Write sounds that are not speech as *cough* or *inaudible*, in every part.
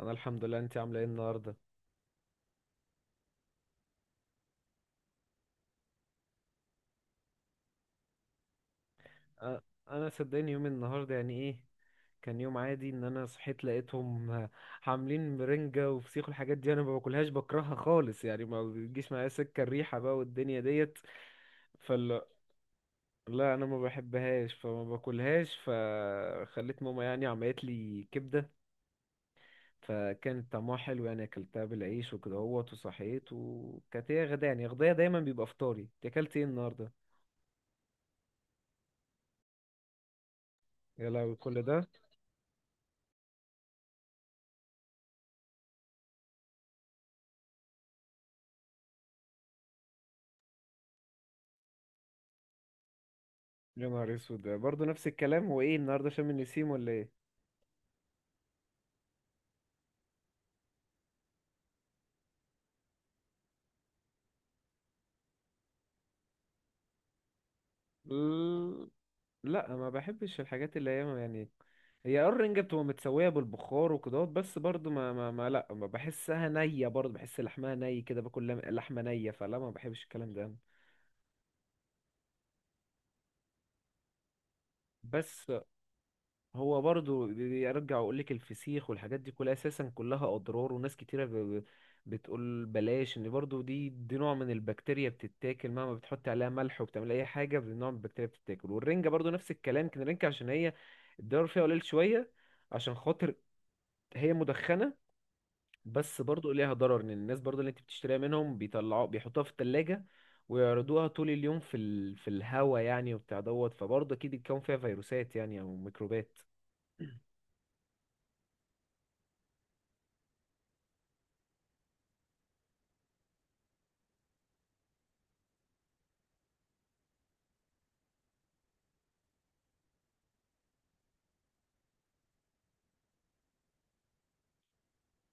انا الحمد لله، انت عامله ايه النهارده؟ أ- انا صدقني يوم النهارده يعني ايه، كان يوم عادي. ان انا صحيت لقيتهم عاملين مرنجة وفسيخ والحاجات دي. انا ما باكلهاش، بكرهها خالص، يعني ما بتجيش معايا سكه الريحه بقى والدنيا ديت. فلا لا انا ما بحبهاش فما باكلهاش، فخليت ماما يعني عملت لي كبده، فكانت طعمها حلو يعني. اكلتها بالعيش وكده اهوت وصحيت، وكانت هي غدا يعني، غدايا دايما بيبقى فطاري. أنت اكلت ايه النهارده؟ يا لهوي كل ده؟ يا نهار اسود، ده برضه نفس الكلام، هو ايه النهارده شم النسيم ولا ايه؟ مم، لا ما بحبش الحاجات اللي هي يعني، هي آه الرنجة بتبقى متسوية بالبخار وكده، بس برضه ما لا، ما بحسها نية، برضه بحس لحمها ني كده، باكل لحمة نية، فلا ما بحبش الكلام ده. بس هو برضو بيرجع ويقول لك الفسيخ والحاجات دي كلها اساسا كلها اضرار، وناس كتيره بتقول بلاش، ان برضو دي نوع من البكتيريا بتتاكل، مهما بتحط عليها ملح وبتعمل اي حاجه، نوع من البكتيريا بتتاكل. والرنجه برضو نفس الكلام، كان الرنجه عشان هي الضرر فيها قليل شويه، عشان خاطر هي مدخنه. بس برضو ليها ضرر، ان الناس برضو اللي انت بتشتريها منهم بيطلعوا بيحطوها في التلاجة ويعرضوها طول اليوم في ال... في الهوا يعني وبتاع دوت، فبرضه اكيد الكون فيها فيروسات يعني او ميكروبات.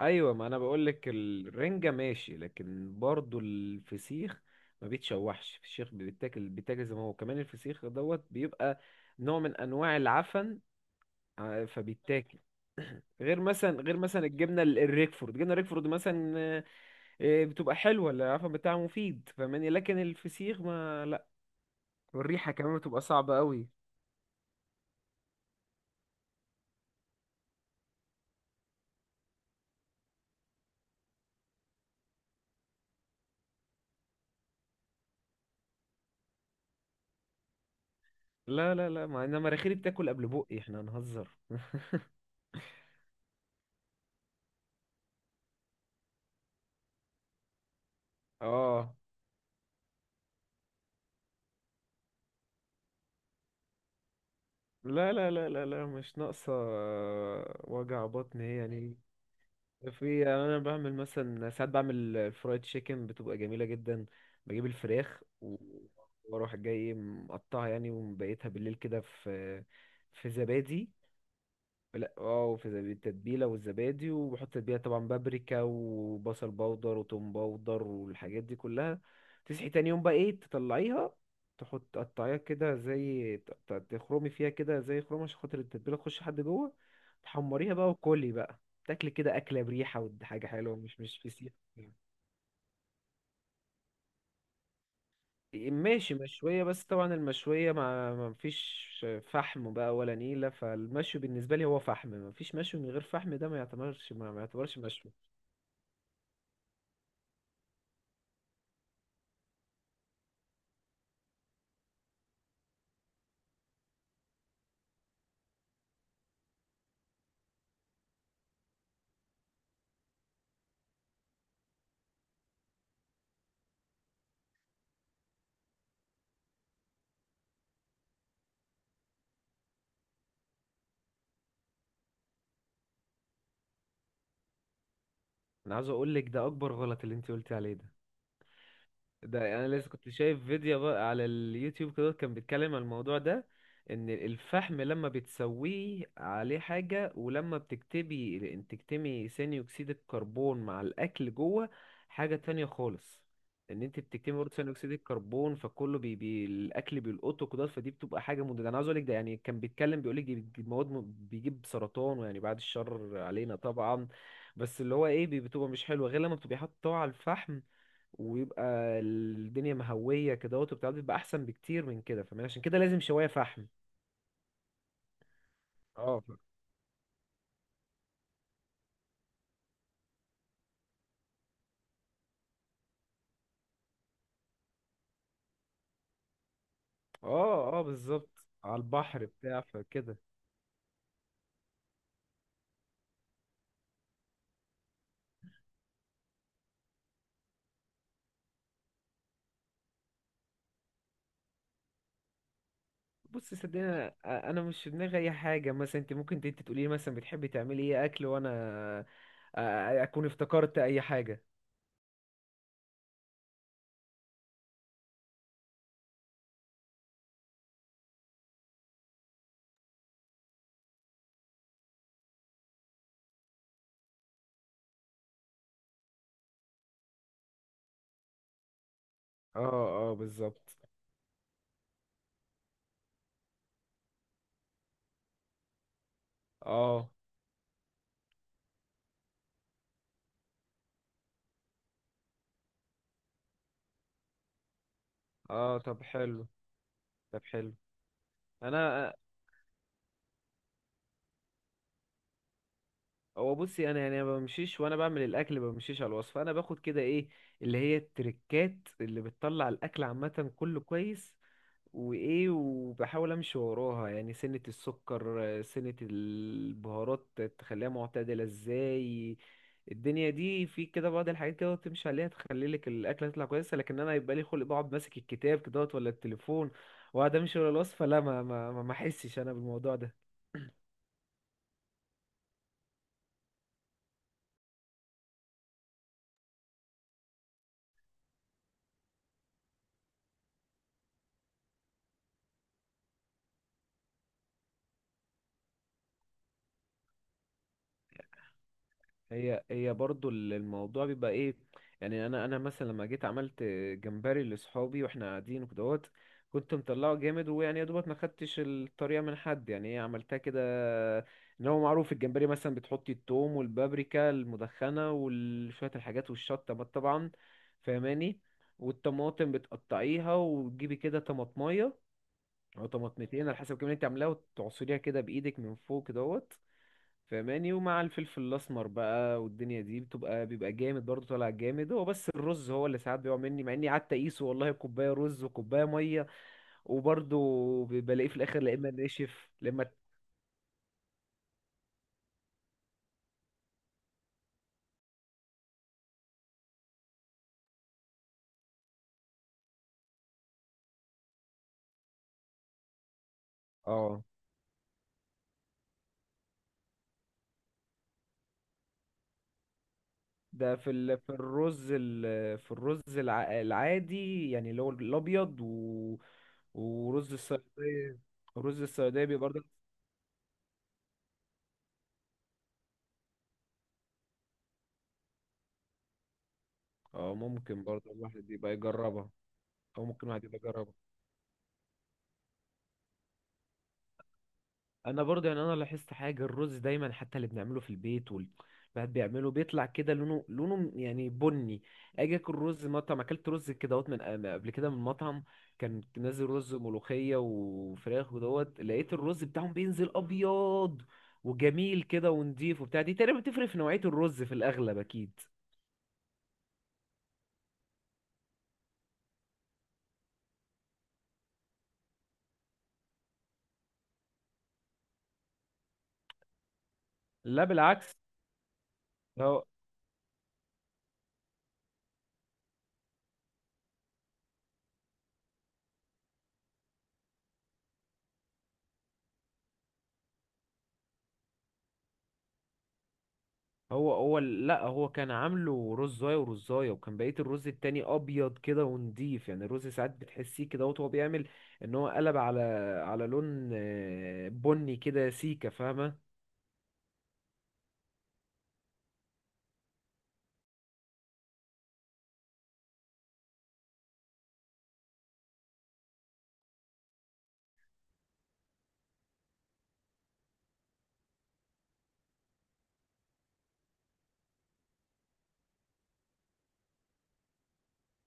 ايوه، ما انا بقول لك الرنجة ماشي، لكن برضو الفسيخ ما بيتشوحش، الفسيخ بيتاكل، بيتاكل زي ما هو، كمان الفسيخ دوت بيبقى نوع من انواع العفن، فبيتاكل. غير مثلا، غير مثلا الجبنه الريكفورد، الجبنه الريكفورد مثلا آه، آه، بتبقى حلوه، العفن بتاعها مفيد، فاهماني، لكن الفسيخ ما لا. والريحه كمان بتبقى صعبه قوي. لا لا لا، ما انا مناخيري بتاكل قبل بقي، احنا هنهزر *laughs* اه، لا لا لا لا لا، مش ناقصة آه، وجع بطن هي يعني. في يعني أنا بعمل مثلا، ساعات بعمل الفرايد تشيكن بتبقى جميلة جدا. بجيب الفراخ وأروح جاي مقطعها يعني، ومبيتها بالليل كده في في زبادي. لا اه في التتبيله والزبادي، وبحط تتبيله طبعا بابريكا وبصل باودر وتوم باودر والحاجات دي كلها. تصحي تاني يوم بقى ايه، تطلعيها، تحط تقطعيها كده زي تخرمي فيها كده زي خرومه، عشان خاطر التتبيله تخش لحد جوه. تحمريها بقى، وكلي بقى، تاكلي كده اكله بريحه، ودي حاجه حلوه، مش مش فسيخ. إيه، ماشي مشوية، بس طبعا المشوية ما فيش فحم بقى ولا نيلة، فالمشوي بالنسبة لي هو فحم، ما فيش مشوي من غير فحم، ده ما يعتبرش، ما يعتبرش مشوي. انا عاوز اقول لك ده اكبر غلط، اللي انت قلتي عليه ده، ده انا لسه كنت شايف فيديو بقى على اليوتيوب كده، كان بيتكلم عن الموضوع ده، ان الفحم لما بتسويه عليه حاجة ولما بتكتبي، ان تكتمي ثاني اكسيد الكربون مع الاكل جوه، حاجة تانية خالص. ان انت بتكتمي برضه ثاني اكسيد الكربون، فكله بي الاكل بيلقطه كده، فدي بتبقى حاجة مضره. انا عاوز اقول لك ده، يعني كان بيتكلم بيقول لك دي بتجيب مواد بيجيب سرطان، ويعني بعد الشر علينا طبعا. بس اللي هو ايه بتبقى مش حلوه غير لما بتبقي حاطه على الفحم، ويبقى الدنيا مهوية كده وبتاع، بيبقى أحسن بكتير من كده، فاهماني، عشان كده لازم شواية فحم. اه اه اه بالظبط، على البحر بتاع فكده. بص صدقني انا، أنا مش في دماغي اي حاجه، مثلا انت ممكن انت تقولي لي مثلا بتحبي تعملي ايه اكل، وانا أ- اكون افتكرت اي حاجه. اه اه بالظبط. اه اه طب حلو، طب حلو. انا هو بصي، انا يعني ما بمشيش وانا بعمل الاكل، ما بمشيش على الوصفه، انا باخد كده ايه، اللي هي التركات اللي بتطلع الاكل عامه كله كويس، وايه وبحاول امشي وراها، يعني سنه السكر آه، سنه البهارات تخليها معتدله ازاي، الدنيا دي، في كده بعض الحاجات كده تمشي عليها تخلي لك الاكله تطلع كويسه. لكن انا يبقى لي خلق بقعد ماسك الكتاب كده ولا التليفون واقعد امشي ورا الوصفه؟ لا ما احسش انا بالموضوع ده. هي برضو الموضوع بيبقى ايه، يعني انا مثلا لما جيت عملت جمبري لاصحابي، واحنا قاعدين وكدهوت، كنت مطلعه جامد، ويعني يا دوبك ما خدتش الطريقه من حد يعني، ايه، عملتها كده. ان هو معروف الجمبري مثلا بتحطي التوم والبابريكا المدخنه وشويه الحاجات والشطه بقى طبعا، فاهماني. والطماطم بتقطعيها وتجيبي كده طماطميه او طماطمتين على حسب، كمان انت عاملاها وتعصريها كده بايدك من فوق كدهوت، فماني، ومع الفلفل الاسمر بقى، والدنيا دي بتبقى بيبقى جامد برضه طالع جامد. هو بس الرز هو اللي ساعات بيقع مني، مع اني قعدت اقيسه والله، كوبايه رز وكوبايه ميه، وبرضه بلاقيه في الاخر لا اما ناشف لا اما. اه، ده في ال... في الرز ال... في الرز العادي يعني، اللي هو الابيض و... ورز الصياديه. رز الصياديه بيبقى برضه اه، ممكن برضه الواحد يبقى يجربها، او ممكن الواحد يبقى يجربها. انا برضه يعني انا لاحظت حاجه، الرز دايما حتى اللي بنعمله في البيت وال الواحد بيعمله بيطلع كده لونه لونه يعني بني. اجي اكل رز مطعم، اكلت رز كده اهوت من قبل كده من مطعم، كان نازل رز ملوخيه وفراخ ودوت، لقيت الرز بتاعهم بينزل ابيض وجميل كده ونضيف وبتاع، دي تقريبا بتفرق في نوعيه الرز في الاغلب اكيد. لا بالعكس، هو لا، هو كان عامله رزاية ورزاية، وكان بقية الرز التاني أبيض كده ونضيف، يعني الرز ساعات بتحسيه كده وهو بيعمل، إن هو قلب على على لون آه، بني كده سيكة، فاهمة.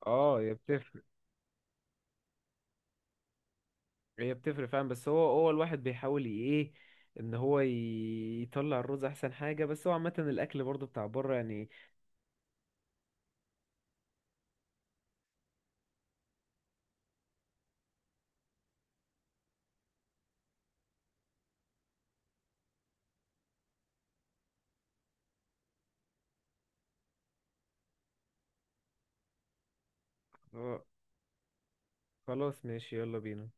اه هي بتفرق. هي بتفرق فاهم، بس هو الواحد بيحاول ايه، ان هو يطلع الرز احسن حاجة، بس هو عامة الاكل برضو بتاع بره يعني. آه، خلاص ماشي، يلا بينا.